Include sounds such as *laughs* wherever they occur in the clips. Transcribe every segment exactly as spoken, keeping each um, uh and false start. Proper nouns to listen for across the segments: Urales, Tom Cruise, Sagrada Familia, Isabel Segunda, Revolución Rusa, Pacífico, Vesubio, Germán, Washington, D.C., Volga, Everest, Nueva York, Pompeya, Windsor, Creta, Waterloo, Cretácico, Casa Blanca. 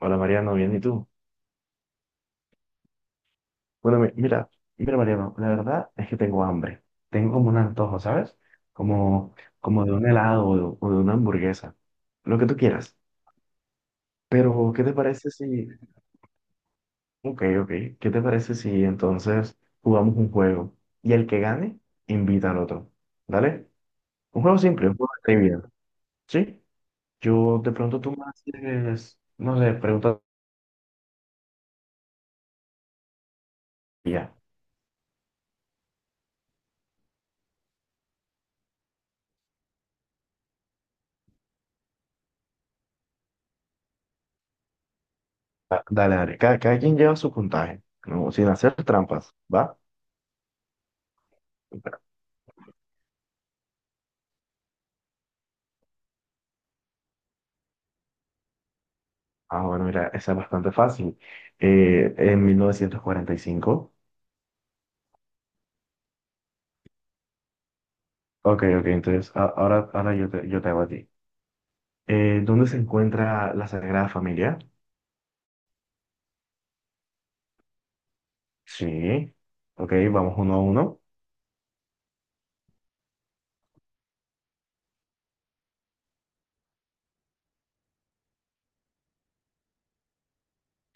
Hola Mariano, bien, ¿y tú? Bueno, mi- mira, mira Mariano, la verdad es que tengo hambre. Tengo como un antojo, ¿sabes? Como, como de un helado o de, o de una hamburguesa, lo que tú quieras. Pero, ¿qué te parece si... Ok, ok, ¿qué te parece si entonces jugamos un juego? Y el que gane, invita al otro. ¿Dale? Un juego simple, un juego de trivia. ¿Sí? Yo de pronto tú me haces, no sé, preguntas. Y ya. Da- Dale, dale. Cada, cada quien lleva su puntaje, ¿no? Sin hacer trampas, ¿va? Ah, bueno, mira, esa es bastante fácil. Eh, en mil novecientos cuarenta y cinco. Ok, ok, entonces a- ahora, ahora yo te, yo te hago a ti. Eh, ¿dónde se encuentra la Sagrada Familia? Sí. Ok, vamos uno a uno.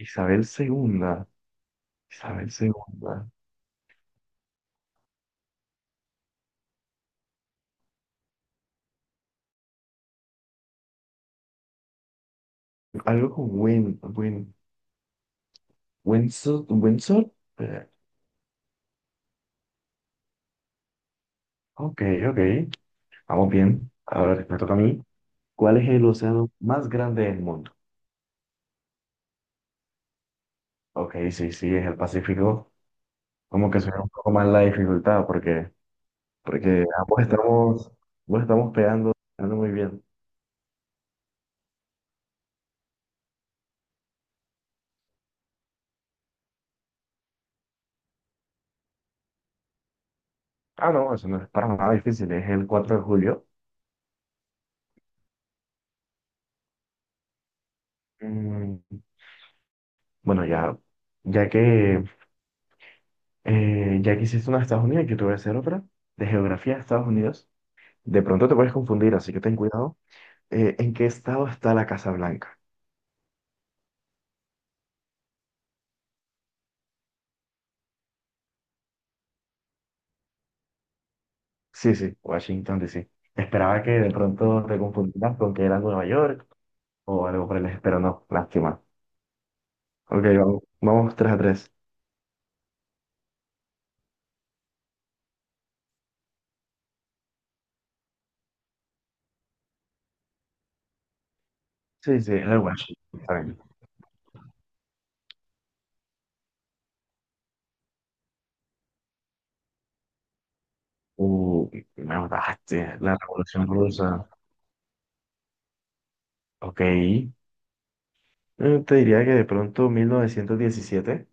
Isabel segunda. Isabel segunda. Algo con Win, Win, Windsor, Windsor. Eh, ok, ok. Vamos bien. Ahora me toca a mí. ¿Cuál es el océano más grande del mundo? Ok, sí, sí, es el Pacífico. Como que suena un poco más la dificultad, porque Porque ambos estamos, ambos estamos pegando, pegando muy bien. Ah, no, eso no es para nada difícil, es el cuatro de julio. Mm, bueno, ya, ya que, eh, ya que hiciste una de Estados Unidos, yo te voy a hacer otra de geografía de Estados Unidos. De pronto te puedes confundir, así que ten cuidado. Eh, ¿en qué estado está la Casa Blanca? Sí, sí, Washington, D C. Esperaba que de pronto te confundieras con que era Nueva York o algo por el estilo, pero no, lástima. Ok, vamos, vamos tres a tres. Sí, sí, era Washington. Está bien. Uh, me mataste. La Revolución Rusa. Ok. Eh, te diría que de pronto mil novecientos diecisiete.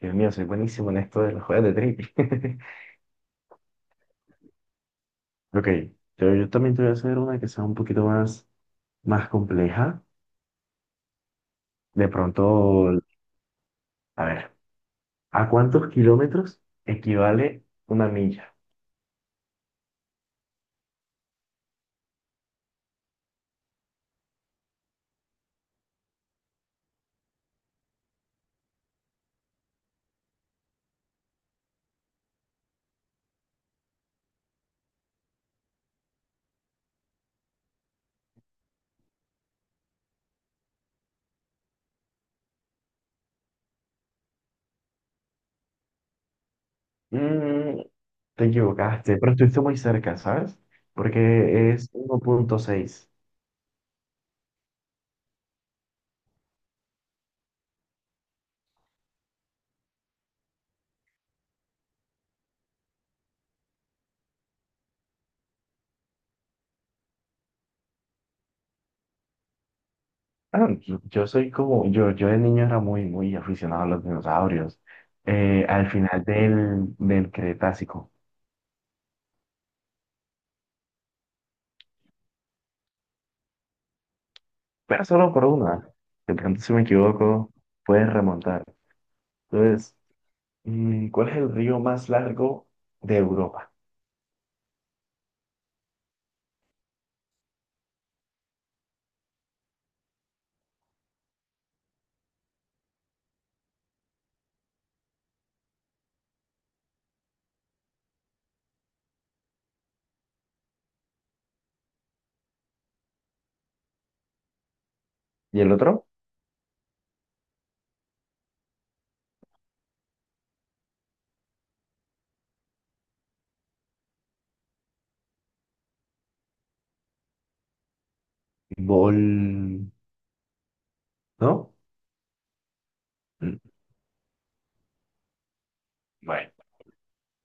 Dios mío, soy buenísimo en esto de los juegos de trivia. *laughs* Ok. Yo, yo también te voy a hacer una que sea un poquito más, más compleja. De pronto, a ver, ¿a cuántos kilómetros equivale una milla? Mm, te equivocaste, pero estuviste muy cerca, ¿sabes? Porque es uno punto seis. Ah, yo yo soy como, yo, yo de niño era muy, muy aficionado a los dinosaurios, eh, al final del, del Cretácico, pero solo por una, de pronto si me equivoco, puedes remontar. Entonces, mm, ¿cuál es el río más largo de Europa? ¿Y el otro? Vol... ¿No? Mm, bueno,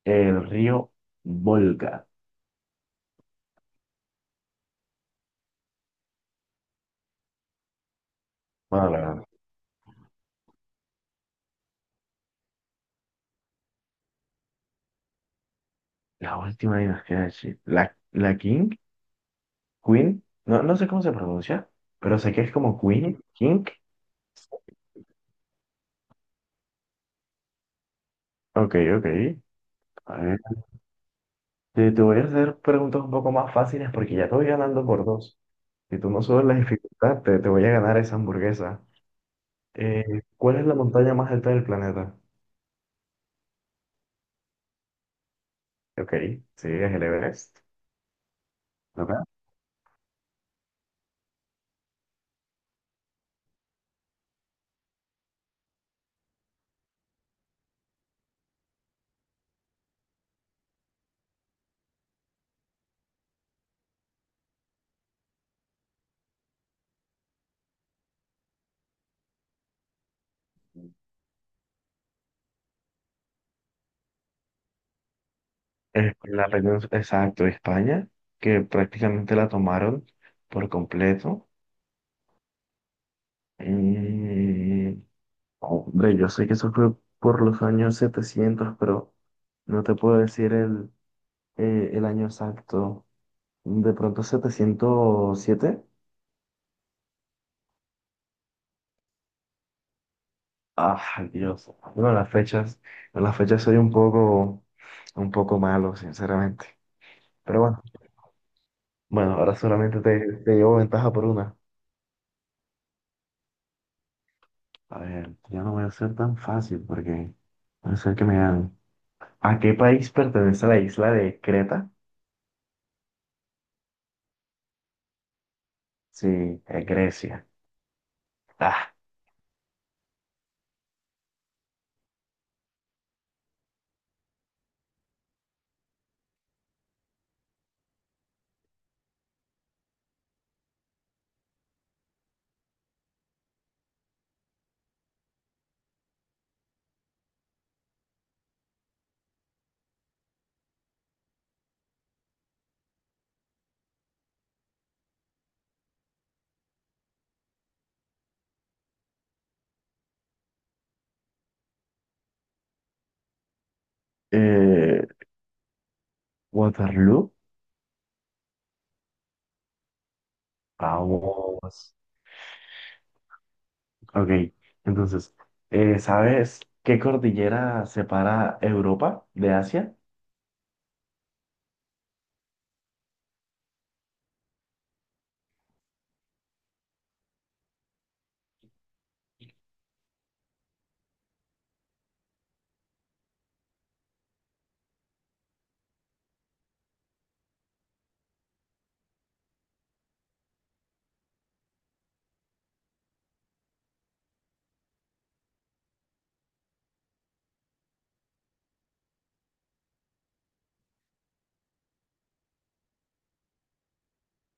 el río Volga. Bueno, la, la última y nos queda decir La, la King, Queen, no, no sé cómo se pronuncia, pero sé que es como Queen, King. Ok, ok. A ver, te, te voy a hacer preguntas un poco más fáciles porque ya te voy ganando por dos. Si tú no subes la dificultad, te, te voy a ganar esa hamburguesa. Eh, ¿cuál es la montaña más alta del planeta? Ok, sí, es el Everest. Ok. Eh, la península, exacto, España, que prácticamente la tomaron por completo. Mm, hombre, yo sé que eso fue por los años setecientos, pero no te puedo decir el, eh, el año exacto. De pronto setecientos siete. Ay, Dios. Bueno, las fechas, en las fechas soy un poco, un poco malo, sinceramente. Pero bueno, bueno, ahora solamente te, te llevo ventaja por una. A ver, ya no voy a ser tan fácil porque puede ser que me ganen. ¿A qué país pertenece la isla de Creta? Sí, es Grecia. Ah, eh, Waterloo. Vamos. Ok, entonces, eh, ¿sabes qué cordillera separa Europa de Asia?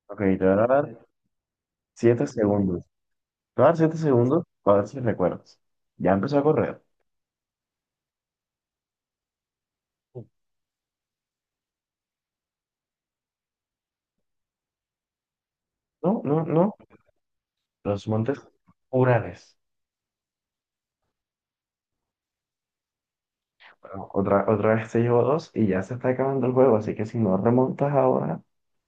Ok, te voy a dar siete segundos. Te voy a dar siete segundos para ver si recuerdas. Ya empezó a correr. No, no, no. Los montes Urales. Bueno, otra, otra vez te llevo dos y ya se está acabando el juego, así que si no remontas ahora,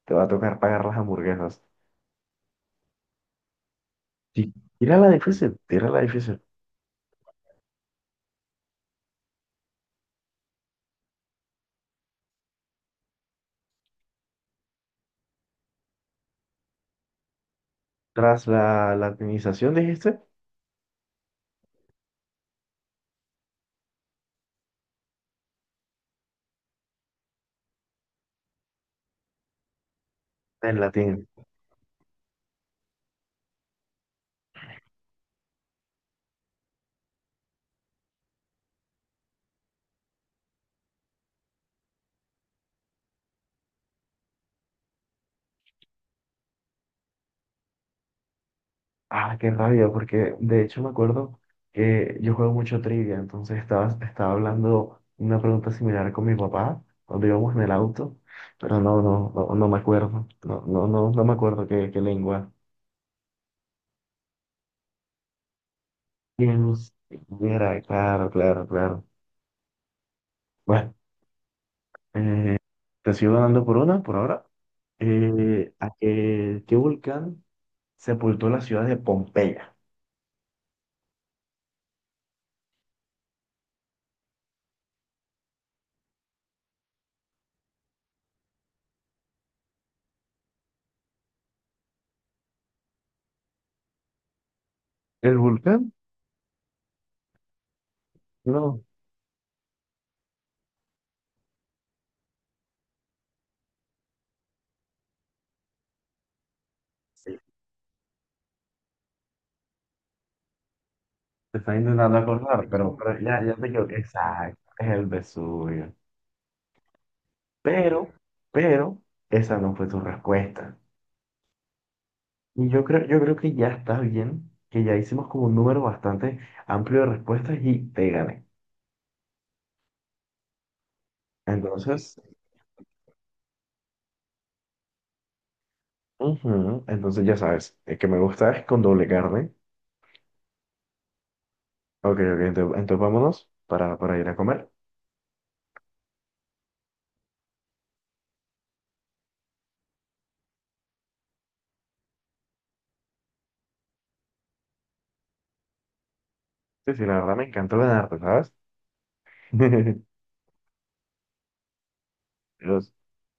te va a tocar pagar las hamburguesas. Sí, tírala difícil, tírala difícil. Tras la latinización, dijiste, del latín. Ah, qué rabia, porque de hecho me acuerdo que yo juego mucho trivia, entonces estaba, estaba hablando una pregunta similar con mi papá cuando íbamos en el auto, pero no, no, no, no me acuerdo, no, no, no, no me acuerdo qué, qué lengua. Pienso- Mira, claro, claro, claro. Bueno, eh, te sigo ganando por una, por ahora. Eh, ¿a qué, qué volcán sepultó la ciudad de Pompeya? ¿El volcán? No. Sí, te está intentando acordar, pero, pero ya, ya te equivoqué. Exacto, es el Vesubio. Pero, pero, esa no fue tu respuesta. Y yo creo, yo creo que ya está bien, que ya hicimos como un número bastante amplio de respuestas y te gané. Entonces, ujú, entonces ya sabes, el que me gusta es con doble carne. Ok, ok, ento- entonces, vámonos para, para ir a comer. Sí, sí, la verdad me encantó ganarte, ¿sabes? *laughs* Pero